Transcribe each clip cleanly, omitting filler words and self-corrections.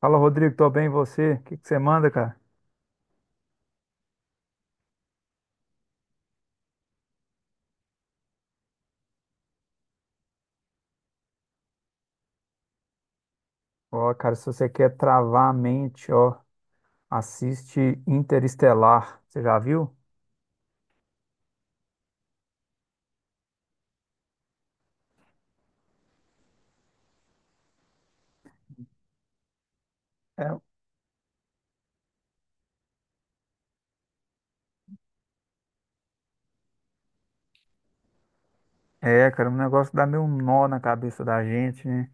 Fala, Rodrigo, tô bem, e você? O que que você manda, cara? Ó, cara, se você quer travar a mente, ó, assiste Interestelar. Você já viu? É, cara, um negócio que dá meio um nó na cabeça da gente, né?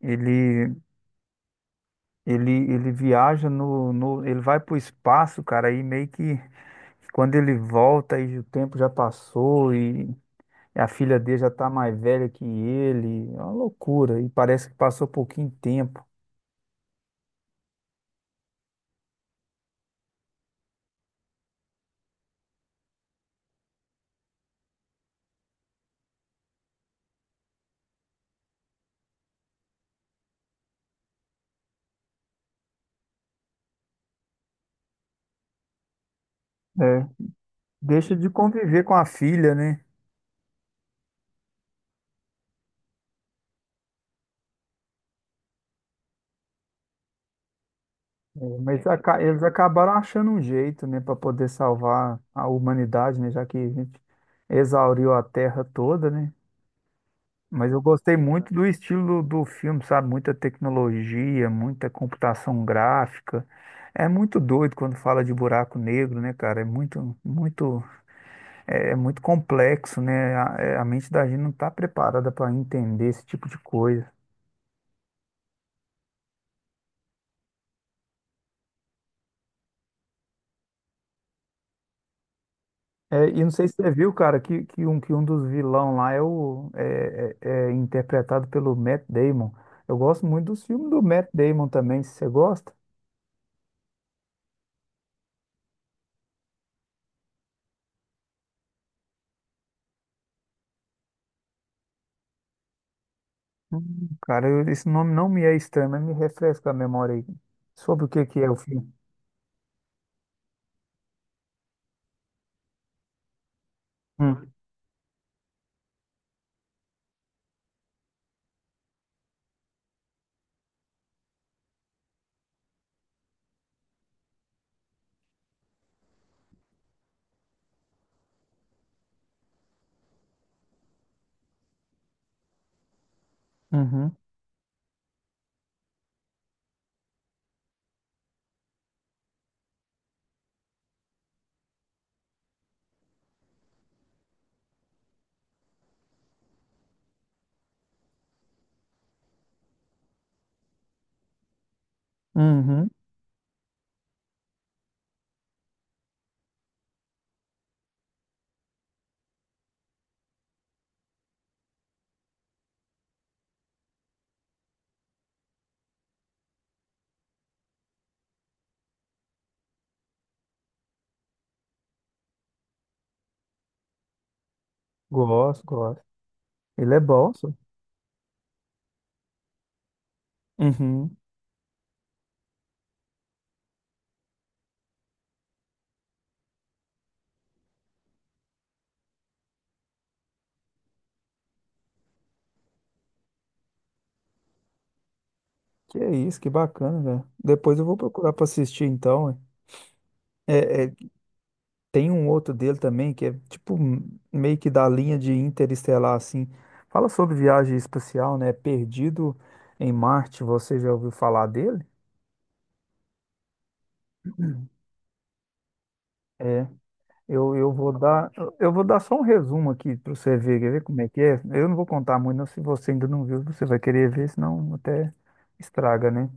Ele, ele viaja no, no, ele vai pro espaço, cara, e meio que quando ele volta aí o tempo já passou e a filha dele já tá mais velha que ele, é uma loucura, e parece que passou pouquinho tempo. É. Deixa de conviver com a filha, né? É, mas eles acabaram achando um jeito, né, para poder salvar a humanidade, né, já que a gente exauriu a Terra toda, né? Mas eu gostei muito do estilo do filme, sabe? Muita tecnologia, muita computação gráfica. É muito doido quando fala de buraco negro, né, cara? É muito, muito, muito complexo, né? A mente da gente não está preparada para entender esse tipo de coisa. É, e não sei se você viu, cara, que um dos vilão lá é interpretado pelo Matt Damon. Eu gosto muito dos filmes do Matt Damon também, se você gosta. Hum. Cara, esse nome não me é estranho, mas me refresca a memória aí. Sobre o que que é o filme? Hum. Uhum, uhum. Gosto, gosto. Ele é bom, só. Uhum. Que é isso, que bacana, velho. Depois eu vou procurar pra assistir então, ué. É, é, Tem um outro dele também que é tipo meio que da linha de Interestelar, assim. Fala sobre viagem espacial, né? Perdido em Marte, você já ouviu falar dele? É, eu vou dar só um resumo aqui para você ver, quer ver como é que é. Eu não vou contar muito, não. Se você ainda não viu, você vai querer ver, senão até estraga, né?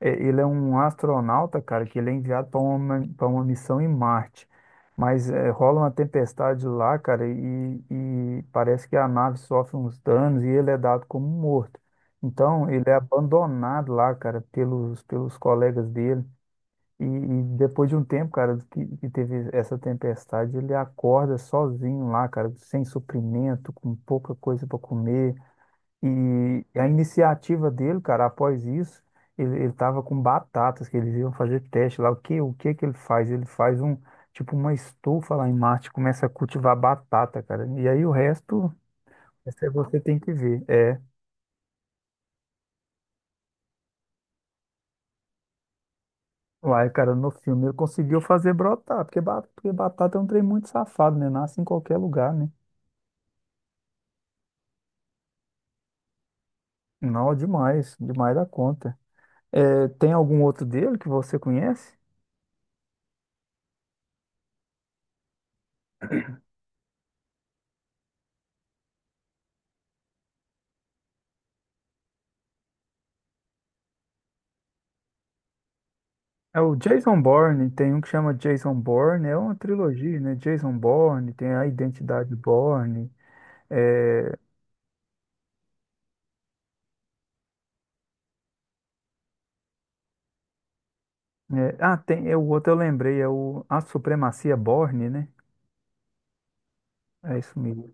É, ele é um astronauta, cara, que ele é enviado para uma missão em Marte. Mas é, rola uma tempestade lá, cara, e parece que a nave sofre uns danos e ele é dado como morto. Então, ele é abandonado lá, cara, pelos colegas dele. E depois de um tempo, cara, que teve essa tempestade, ele acorda sozinho lá, cara, sem suprimento, com pouca coisa para comer. E a iniciativa dele, cara, após isso, ele tava com batatas, que eles iam fazer teste lá. O que que ele faz? Ele faz um, tipo, uma estufa lá em Marte, começa a cultivar batata, cara. E aí o resto, essa aí você tem que ver. É, uai, cara, no filme ele conseguiu fazer brotar, porque, porque batata é um trem muito safado, né? Nasce em qualquer lugar, né? Não, demais, demais da conta. É, tem algum outro dele que você conhece? É o Jason Bourne, tem um que chama Jason Bourne, é uma trilogia, né? Jason Bourne, tem a Identidade Bourne, é, ah, tem, é o outro eu lembrei, é o A Supremacia Bourne, né? É isso mesmo.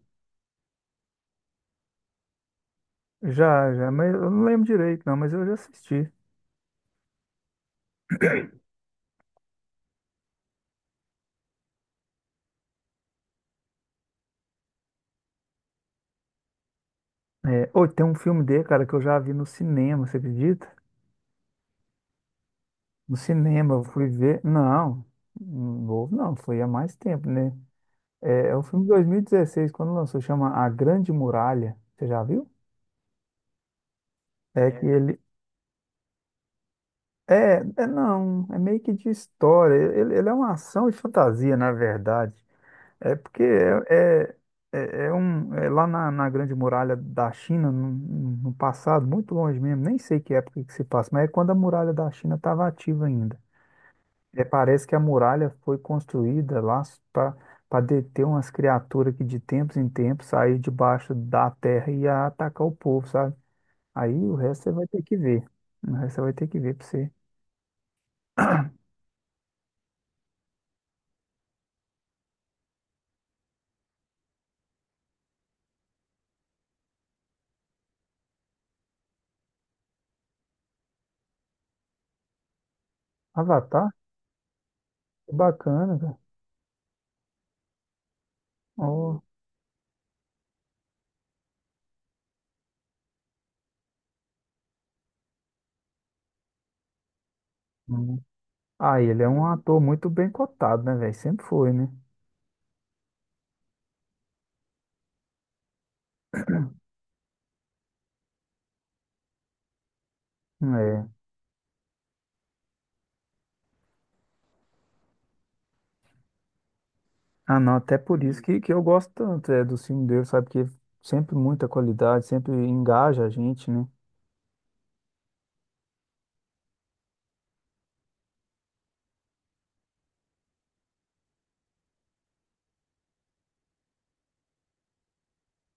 Já, já, mas eu não lembro direito, não, mas eu já assisti. É, ô, tem um filme dele, cara, que eu já vi no cinema, você acredita? No cinema, eu fui ver, não, novo não, foi há mais tempo, né? É, é um filme de 2016, quando lançou, chama A Grande Muralha, você já viu? É que ele, É, é não, é meio que de história. Ele é uma ação e fantasia, na verdade. É porque é, é, é- é um, é na Grande Muralha da China, no, no passado, muito longe mesmo, nem sei que época que se passa, mas é quando a Muralha da China estava ativa ainda. É, parece que a muralha foi construída lá para deter umas criaturas que de tempos em tempos saíam debaixo da terra e ia atacar o povo, sabe? Aí o resto você vai ter que ver. O resto você vai ter que ver para você. Avatar? Que bacana, cara. Ó. Hum. Ah, ele é um ator muito bem cotado, né, velho? Sempre foi, né? É. Ah, não, até por isso que eu gosto tanto é, do filme dele, sabe? Porque sempre muita qualidade, sempre engaja a gente, né?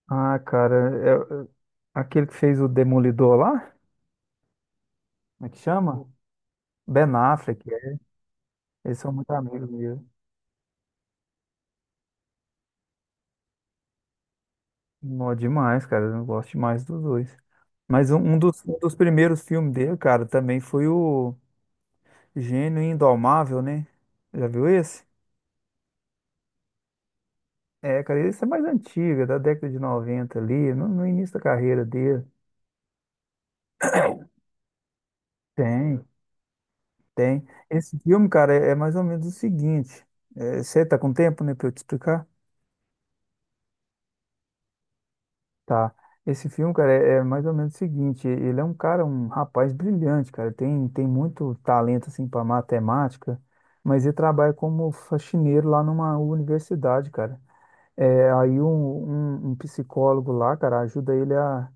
Ah, cara, aquele que fez o Demolidor lá, como é que chama? Ben Affleck, é. Eles são muito amigos mesmo. Mó demais, cara, eu gosto demais dos dois. Mas um dos primeiros filmes dele, cara, também foi o Gênio Indomável, né? Já viu esse? É, cara, isso é mais antiga, da década de 90 ali, no início da carreira dele. Tem, tem. Esse filme, cara, é mais ou menos o seguinte. É, você tá com tempo, né, pra eu te explicar? Tá. Esse filme, cara, é mais ou menos o seguinte. Ele é um cara, um rapaz brilhante, cara. Tem, tem muito talento, assim, pra matemática, mas ele trabalha como faxineiro lá numa universidade, cara. É, aí um psicólogo lá, cara, ajuda ele a,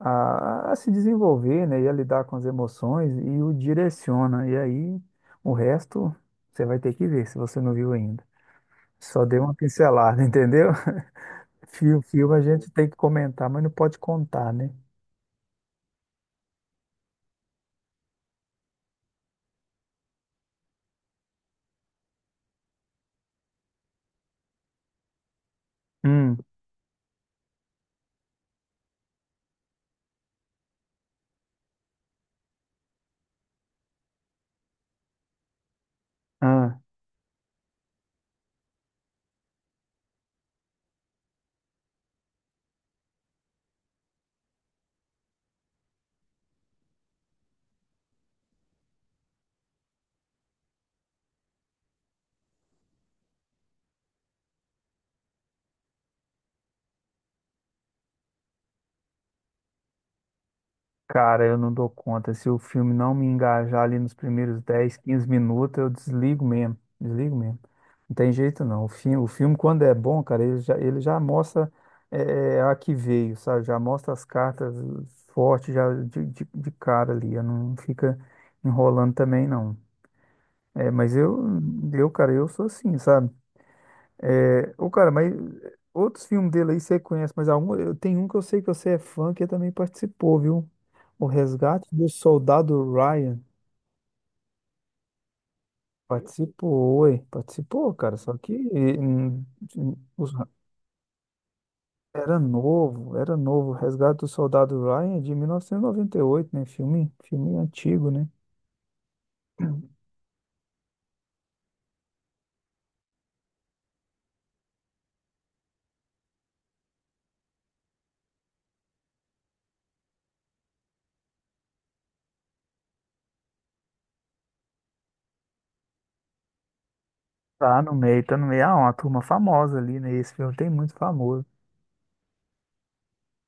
a, a se desenvolver, né, e a lidar com as emoções e o direciona. E aí o resto você vai ter que ver se você não viu ainda. Só dei uma pincelada, entendeu? Fio, fio a gente tem que comentar, mas não pode contar, né? Hum. Cara, eu não dou conta. Se o filme não me engajar ali nos primeiros 10 15 minutos, eu desligo mesmo. Desligo mesmo. Não tem jeito não. O filme quando é bom, cara, ele já mostra a que veio, sabe? Já mostra as cartas fortes já de cara ali. Eu não fica enrolando também, não. É, mas eu, cara, eu sou assim, sabe? É, ô, cara, mas outros filmes dele aí você conhece, mas algum, eu tenho um que eu sei que você é fã, que também participou, viu? O Resgate do Soldado Ryan. Participou, ué, participou, cara, só que hum, os- era novo, era novo. O Resgate do Soldado Ryan é de 1998, né? Filme antigo, né? Tá no meio, tá no meio. Ah, uma turma famosa ali, né? Esse filme tem muito famoso.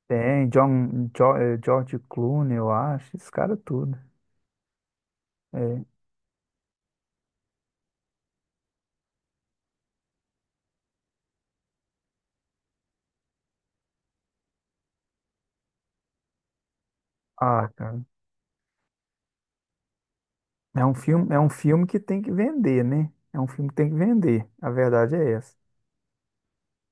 Tem George Clooney, eu acho, esse cara tudo. É. Ah, cara. É um filme que tem que vender, né? É um filme que tem que vender. A verdade é essa.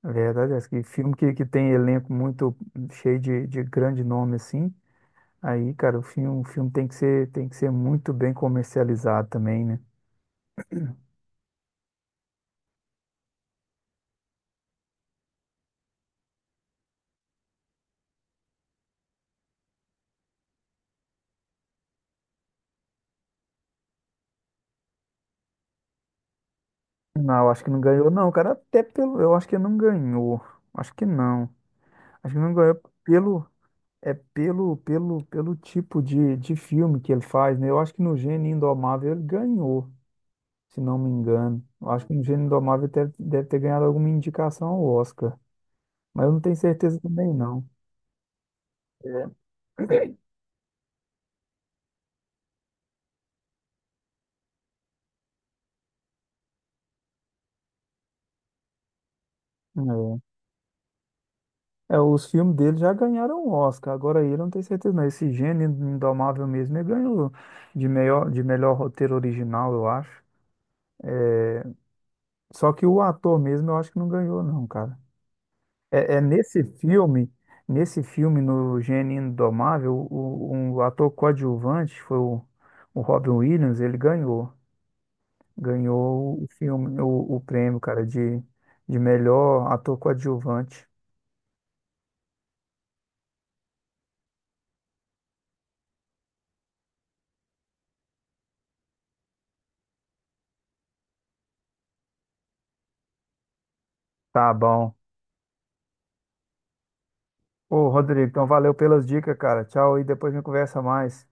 A verdade é essa. Que filme que tem elenco muito cheio de grande nome assim, aí, cara, o filme tem que ser muito bem comercializado também, né? Não, eu acho que não ganhou, não, cara. Até pelo, eu acho que não ganhou. Acho que não. Acho que não ganhou pelo, é pelo tipo de filme que ele faz, né? Eu acho que no Gênio Indomável ele ganhou, se não me engano. Eu acho que o Gênio Indomável deve, deve ter ganhado alguma indicação ao Oscar, mas eu não tenho certeza também, não. É. É, os filmes dele já ganharam o Oscar, agora ele eu não tenho certeza, não. Esse Gênio Indomável mesmo, ele ganhou de melhor roteiro original, eu acho. É, só que o ator mesmo eu acho que não ganhou, não, cara. É, é nesse filme, nesse filme, no Gênio Indomável, um ator coadjuvante foi o Robin Williams, ele ganhou. Ganhou o filme, o prêmio, cara, de melhor ator coadjuvante. Tá bom. Ô, Rodrigo, então valeu pelas dicas, cara. Tchau e depois a gente conversa mais.